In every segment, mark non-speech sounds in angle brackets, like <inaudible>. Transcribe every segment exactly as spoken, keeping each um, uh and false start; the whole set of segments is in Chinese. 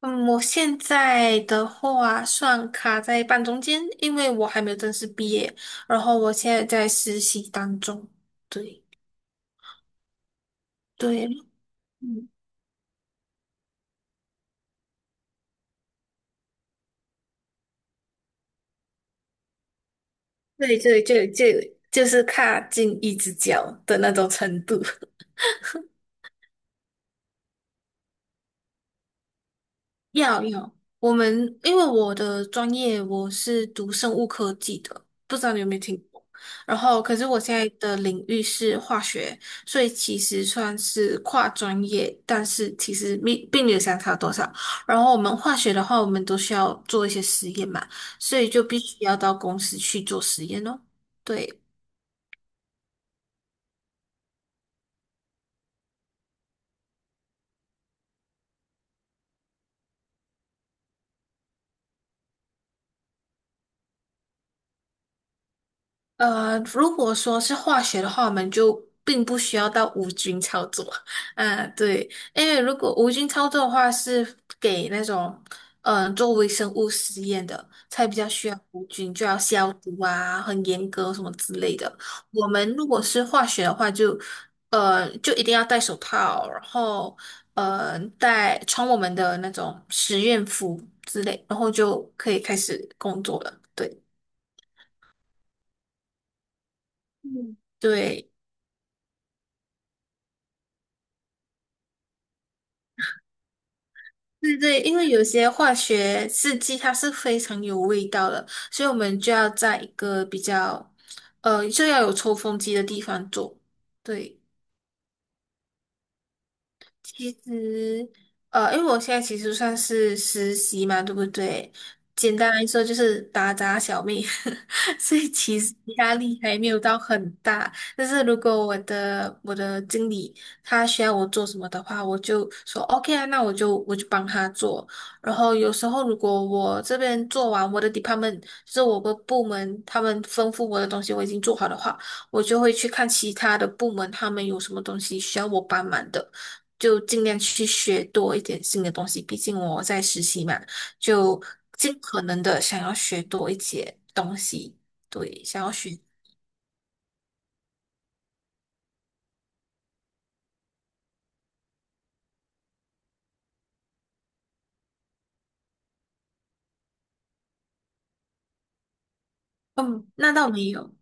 嗯，我现在的话算卡在半中间，因为我还没有正式毕业，然后我现在在实习当中。对对，嗯，对对对对，就是卡进一只脚的那种程度。要要，我们因为我的专业我是读生物科技的，不知道你有没有听过。然后，可是我现在的领域是化学，所以其实算是跨专业，但是其实并并没有相差多少。然后我们化学的话，我们都需要做一些实验嘛，所以就必须要到公司去做实验哦。对，呃，如果说是化学的话，我们就并不需要到无菌操作。<laughs> 啊，对，因为如果无菌操作的话，是给那种嗯、呃做微生物实验的，才比较需要无菌，就要消毒啊，很严格什么之类的。我们如果是化学的话就，呃就一定要戴手套，然后呃戴穿我们的那种实验服之类，然后就可以开始工作了。对。嗯，对，对对，因为有些化学试剂它是非常有味道的，所以我们就要在一个比较，呃，就要有抽风机的地方做。对。其实，呃，因为我现在其实算是实习嘛，对不对？简单来说就是打杂小妹，<laughs> 所以其实压力还没有到很大。但是如果我的我的经理他需要我做什么的话，我就说 OK 啊，那我就我就帮他做。然后有时候如果我这边做完我的 department,就是我的部门，他们吩咐我的东西我已经做好的话，我就会去看其他的部门他们有什么东西需要我帮忙的。就尽量去学多一点新的东西，毕竟我在实习嘛，就尽可能的想要学多一些东西，对，想要学。嗯，那倒没有。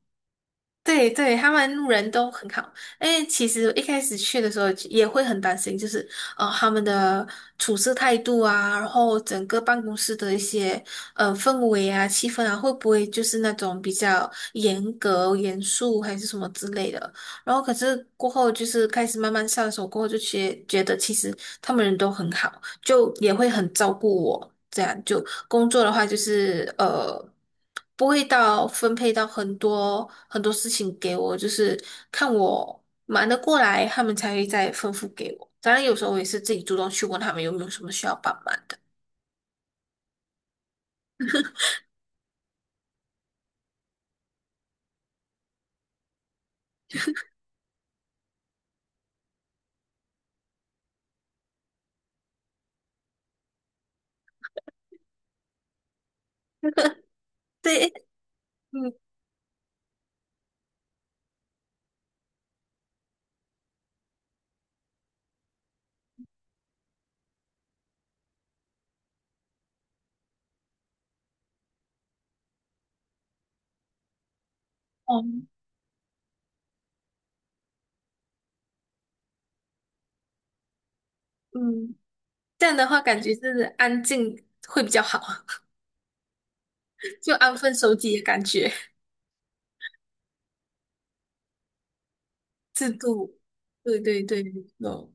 对对，他们路人都很好。哎，其实一开始去的时候也会很担心，就是呃他们的处事态度啊，然后整个办公室的一些呃氛围啊、气氛啊，会不会就是那种比较严格、严肃还是什么之类的？然后可是过后就是开始慢慢上手过后，就觉觉得其实他们人都很好。就也会很照顾我。这样就工作的话，就是呃，不会到分配到很多很多事情给我，就是看我忙得过来，他们才会再吩咐给我。当然，有时候我也是自己主动去问他们有没有什么需要帮忙的。对，<laughs> 嗯，哦，嗯，这样的话感觉就是安静会比较好，<laughs> 就安分守己的感觉，制度。对对对，没错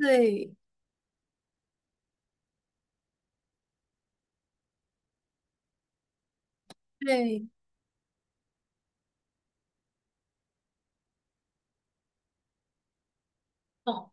对对。哦。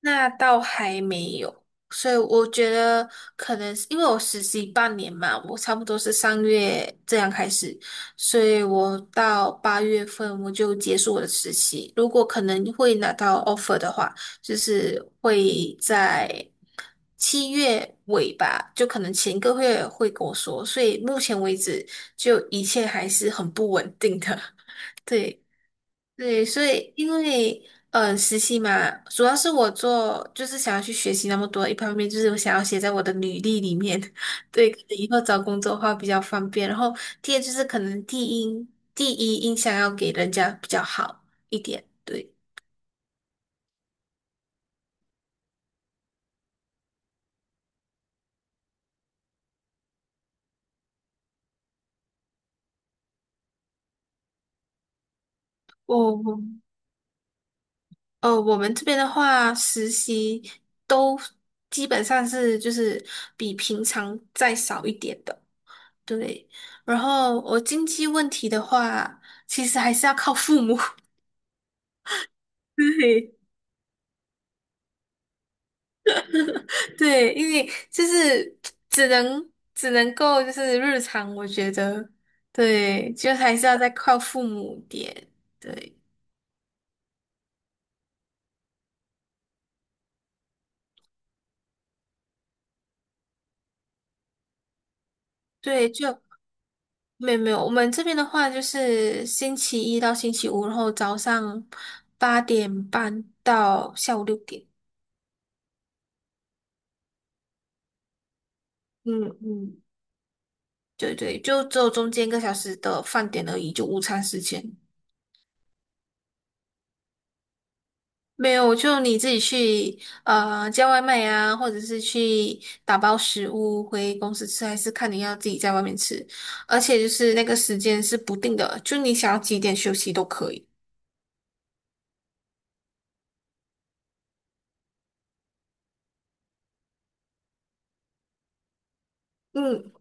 那倒还没有，所以我觉得可能是因为我实习半年嘛，我差不多是上月这样开始，所以我到八月份我就结束我的实习。如果可能会拿到 offer 的话，就是会在七月尾吧，就可能前个月会跟我说。所以目前为止，就一切还是很不稳定的。<laughs> 对。对，所以因为呃实习嘛，主要是我做就是想要去学习那么多，一方面就是我想要写在我的履历里面，<laughs> 对，可能以后找工作的话比较方便。然后第二就是可能第一第一印象要给人家比较好一点，对。我呃，我们这边的话，实习都基本上是就是比平常再少一点的，对。然后我经济问题的话，其实还是要靠父母。对 <laughs> 对，因为就是只能只能够就是日常，我觉得对，就还是要再靠父母点，对对，就没有没有，我们这边的话就是星期一到星期五，然后早上八点半到下午六点，嗯嗯，对对，就只有中间一个小时的饭点而已，就午餐时间。没有，就你自己去呃叫外卖啊，或者是去打包食物回公司吃，还是看你要自己在外面吃。而且就是那个时间是不定的，就你想要几点休息都可以。嗯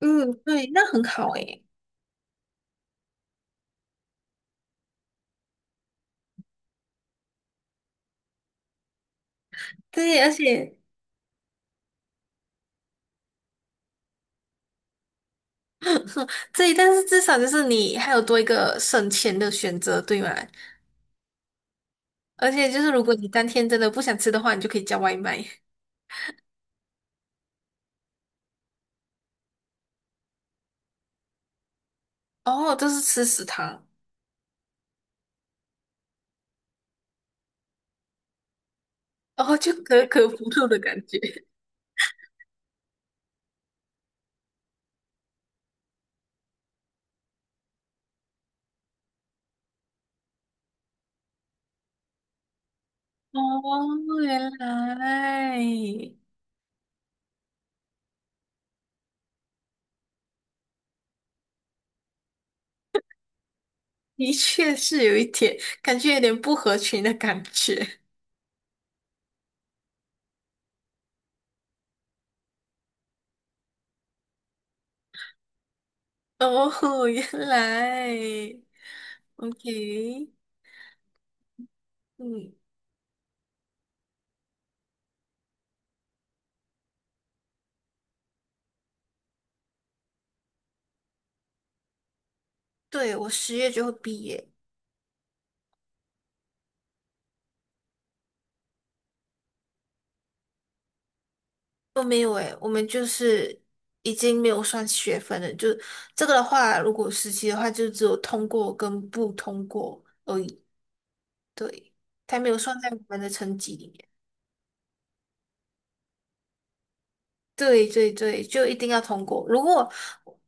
嗯，对，那很好诶。对，而且 <laughs> 对，但是至少就是你还有多一个省钱的选择，对吗？而且就是如果你当天真的不想吃的话，你就可以叫外卖。哦，都是吃食堂，哦，就可可不吐的感觉。哦，原来的确是有一点，感觉有点不合群的感觉。哦，原来，OK,嗯，对，我十月就会毕业。哦，没有诶，我们就是已经没有算学分了。就这个的话，如果实习的话，就只有通过跟不通过而已。对，它没有算在我们的成绩里面。对对对，就一定要通过。如果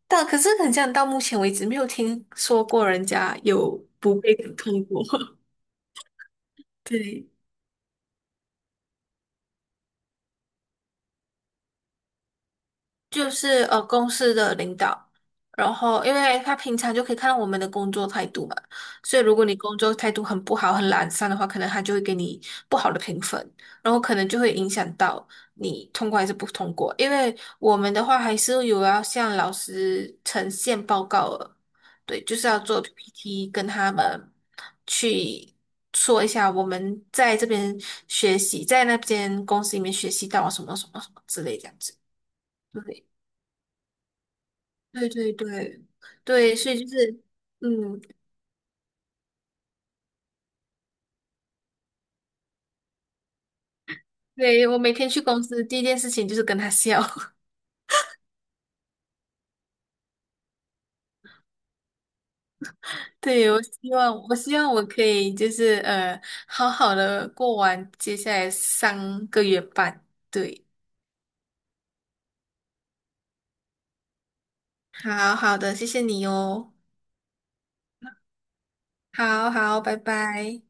但可是很像到目前为止没有听说过人家有不被通过。<laughs> 对，就是呃公司的领导，然后因为他平常就可以看到我们的工作态度嘛，所以如果你工作态度很不好、很懒散的话，可能他就会给你不好的评分，然后可能就会影响到你通过还是不通过。因为我们的话还是有要向老师呈现报告的，对，就是要做 P P T 跟他们去。说一下我们在这边学习，在那边公司里面学习到什么什么什么之类这样子。对。对对对对，所以就是，嗯，对，我每天去公司第一件事情就是跟他笑。<laughs> 对，我希望，我希望我可以就是呃，好好的过完接下来三个月半。对，好好的，谢谢你哦。好好，拜拜。